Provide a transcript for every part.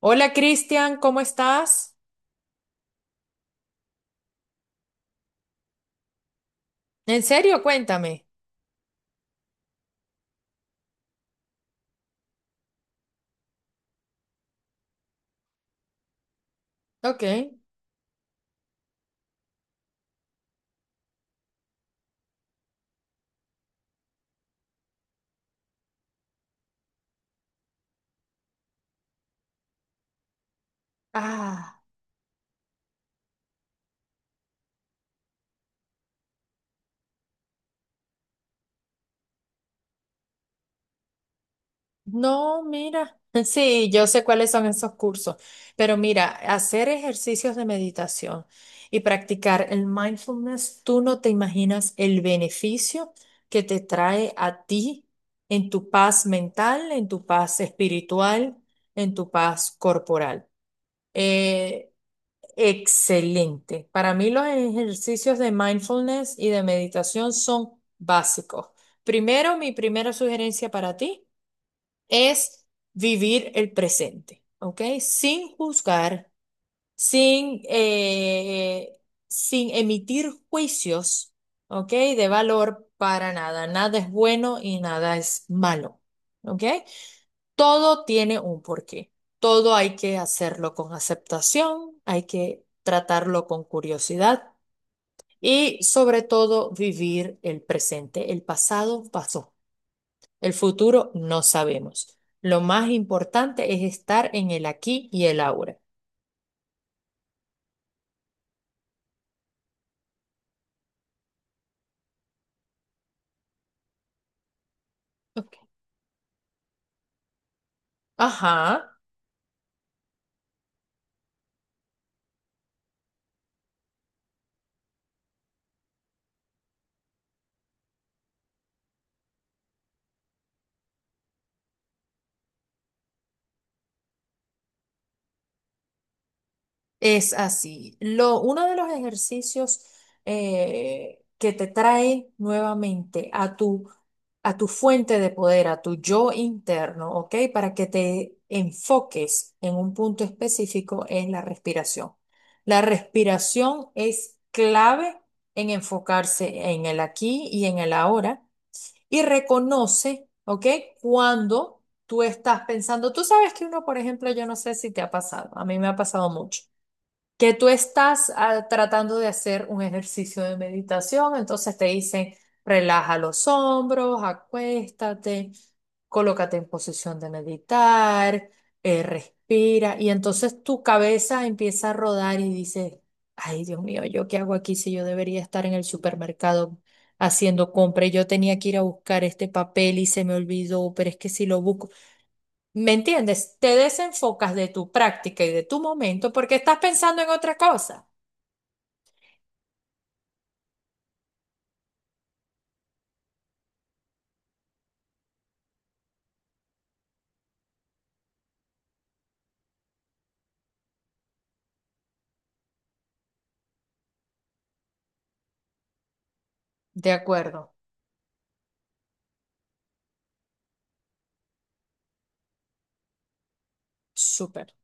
Hola Cristian, ¿cómo estás? ¿En serio? Cuéntame. Ok. Ah, no, mira. Sí, yo sé cuáles son esos cursos, pero mira, hacer ejercicios de meditación y practicar el mindfulness, tú no te imaginas el beneficio que te trae a ti en tu paz mental, en tu paz espiritual, en tu paz corporal. Eh, Excelente. Para mí los ejercicios de mindfulness y de meditación son básicos. Primero, mi primera sugerencia para ti es vivir el presente, ¿ok? Sin juzgar, sin, eh, sin emitir juicios, ¿ok? De valor para nada. Nada es bueno y nada es malo, ¿ok? Todo tiene un porqué. Todo hay que hacerlo con aceptación, hay que tratarlo con curiosidad y sobre todo vivir el presente. El pasado pasó, el futuro no sabemos. Lo más importante es estar en el aquí y el ahora. Ok. Ajá. Es así. Uno de los ejercicios que te trae nuevamente a tu fuente de poder, a tu yo interno, ¿ok? Para que te enfoques en un punto específico es la respiración. La respiración es clave en enfocarse en el aquí y en el ahora y reconoce, ¿ok? Cuando tú estás pensando, tú sabes que uno, por ejemplo, yo no sé si te ha pasado, a mí me ha pasado mucho que tú estás tratando de hacer un ejercicio de meditación, entonces te dicen, relaja los hombros, acuéstate, colócate en posición de meditar, respira, y entonces tu cabeza empieza a rodar y dices, ay Dios mío, ¿yo qué hago aquí si yo debería estar en el supermercado haciendo compra y yo tenía que ir a buscar este papel y se me olvidó, pero es que si lo busco? ¿Me entiendes? Te desenfocas de tu práctica y de tu momento porque estás pensando en otra cosa. De acuerdo. Súper.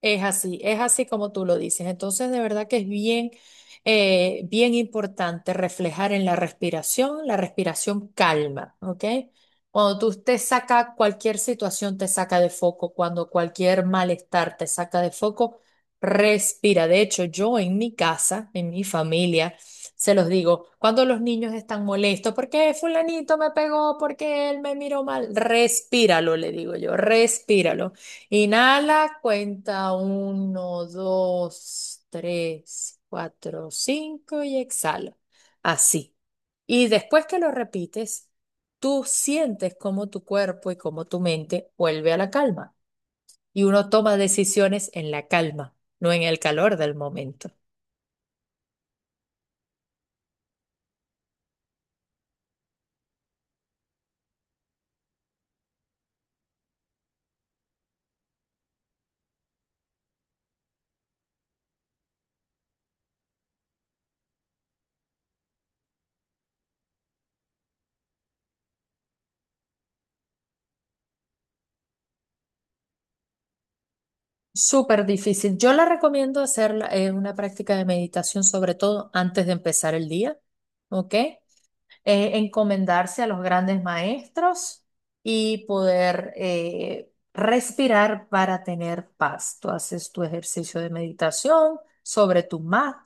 Es así como tú lo dices. Entonces, de verdad que es bien importante reflejar en la respiración. La respiración calma, ¿ok? Cuando tú te saca cualquier situación, te saca de foco. Cuando cualquier malestar te saca de foco, respira. De hecho, yo en mi casa, en mi familia, se los digo, cuando los niños están molestos, porque fulanito me pegó, porque él me miró mal, respíralo, le digo yo, respíralo. Inhala, cuenta uno, dos, tres, cuatro, cinco y exhala. Así. Y después que lo repites, tú sientes cómo tu cuerpo y cómo tu mente vuelve a la calma. Y uno toma decisiones en la calma, no en el calor del momento. Súper difícil. Yo la recomiendo una práctica de meditación, sobre todo antes de empezar el día. ¿Ok? Encomendarse a los grandes maestros y poder respirar para tener paz. Tú haces tu ejercicio de meditación sobre tu mat,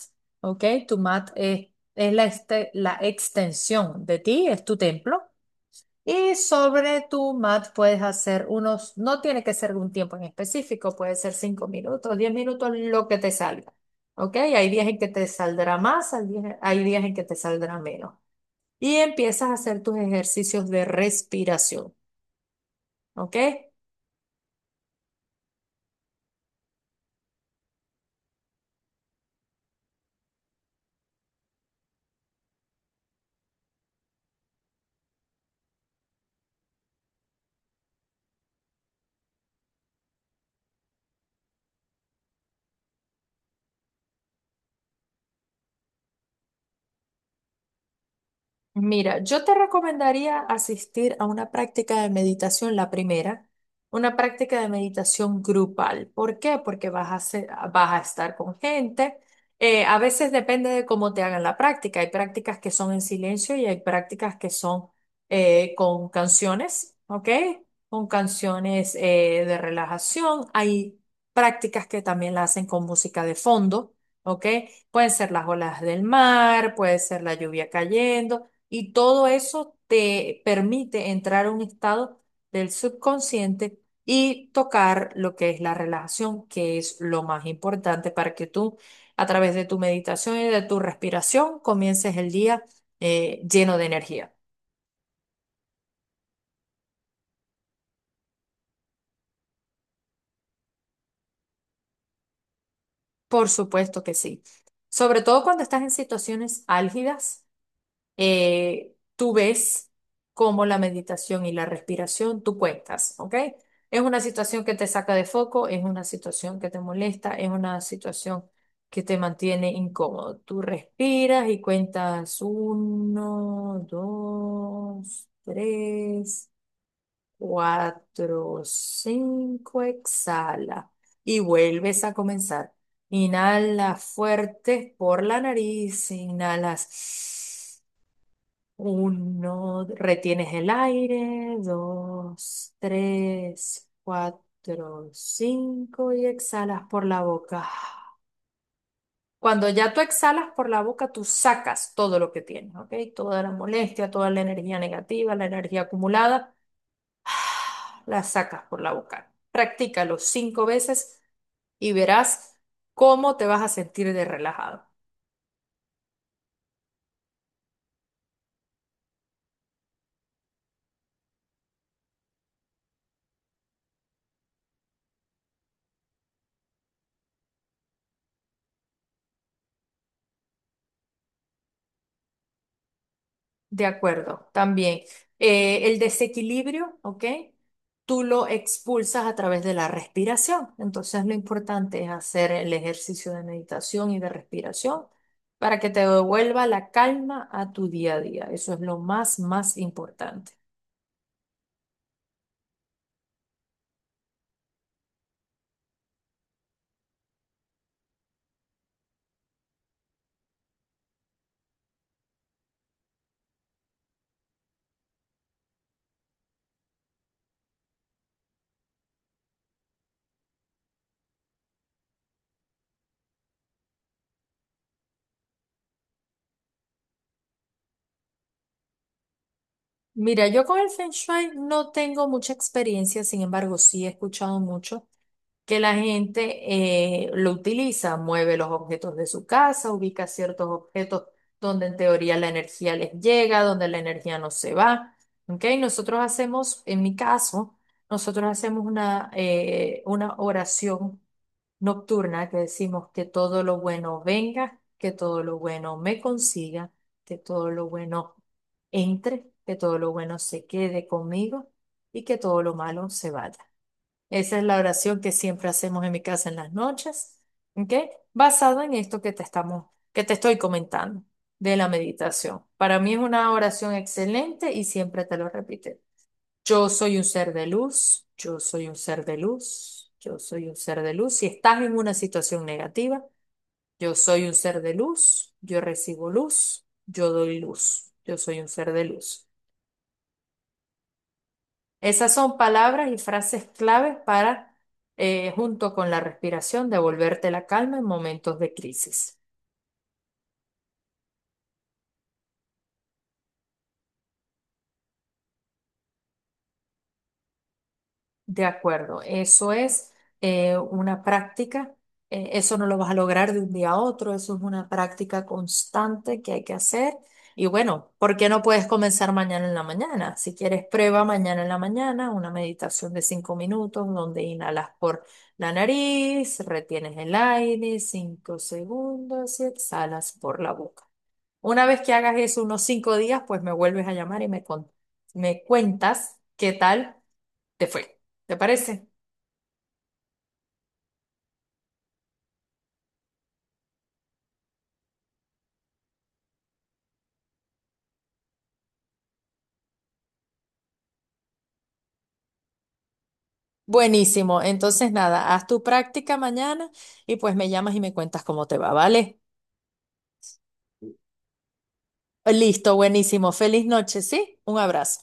¿ok? Tu mat es la extensión de ti, es tu templo. Y sobre tu mat puedes hacer unos, no tiene que ser un tiempo en específico, puede ser 5 minutos, 10 minutos, lo que te salga. ¿Ok? Hay días en que te saldrá más, hay días en que te saldrá menos y empiezas a hacer tus ejercicios de respiración, ¿ok? Mira, yo te recomendaría asistir a una práctica de meditación, la primera, una práctica de meditación grupal. ¿Por qué? Porque vas a estar con gente. A veces depende de cómo te hagan la práctica. Hay prácticas que son en silencio y hay prácticas que son con canciones, ¿ok? Con canciones de relajación. Hay prácticas que también la hacen con música de fondo, ¿ok? Pueden ser las olas del mar, puede ser la lluvia cayendo. Y todo eso te permite entrar a un estado del subconsciente y tocar lo que es la relajación, que es lo más importante para que tú, a través de tu meditación y de tu respiración, comiences el día lleno de energía. Por supuesto que sí. Sobre todo cuando estás en situaciones álgidas, tú ves cómo la meditación y la respiración tú cuentas, ¿ok? Es una situación que te saca de foco, es una situación que te molesta, es una situación que te mantiene incómodo. Tú respiras y cuentas uno, dos, tres, cuatro, cinco, exhala y vuelves a comenzar. Inhala fuerte por la nariz, inhalas. Uno, retienes el aire. Dos, tres, cuatro, cinco y exhalas por la boca. Cuando ya tú exhalas por la boca, tú sacas todo lo que tienes, ¿ok? Toda la molestia, toda la energía negativa, la energía acumulada, la sacas por la boca. Practícalo 5 veces y verás cómo te vas a sentir de relajado. De acuerdo, también. El desequilibrio, ¿ok? Tú lo expulsas a través de la respiración. Entonces lo importante es hacer el ejercicio de meditación y de respiración para que te devuelva la calma a tu día a día. Eso es lo más, más importante. Mira, yo con el Feng Shui no tengo mucha experiencia, sin embargo, sí he escuchado mucho, que la gente lo utiliza, mueve los objetos de su casa, ubica ciertos objetos donde en teoría la energía les llega, donde la energía no se va. ¿Ok? Nosotros hacemos, en mi caso, nosotros hacemos una oración nocturna que decimos que todo lo bueno venga, que todo lo bueno me consiga, que todo lo bueno entre, que todo lo bueno se quede conmigo y que todo lo malo se vaya. Esa es la oración que siempre hacemos en mi casa en las noches, ¿ok? Basada en esto que te estoy comentando de la meditación. Para mí es una oración excelente y siempre te lo repito. Yo soy un ser de luz, yo soy un ser de luz, yo soy un ser de luz. Si estás en una situación negativa, yo soy un ser de luz, yo recibo luz, yo doy luz, yo soy un ser de luz. Esas son palabras y frases claves para, junto con la respiración, devolverte la calma en momentos de crisis. De acuerdo, eso es una práctica, eso no lo vas a lograr de un día a otro, eso es una práctica constante que hay que hacer. Y bueno, ¿por qué no puedes comenzar mañana en la mañana? Si quieres, prueba mañana en la mañana una meditación de 5 minutos donde inhalas por la nariz, retienes el aire 5 segundos y exhalas por la boca. Una vez que hagas eso unos 5 días, pues me vuelves a llamar y me cuentas qué tal te fue. ¿Te parece? Buenísimo. Entonces, nada, haz tu práctica mañana y pues me llamas y me cuentas cómo te va, ¿vale? Listo, buenísimo. Feliz noche, ¿sí? Un abrazo.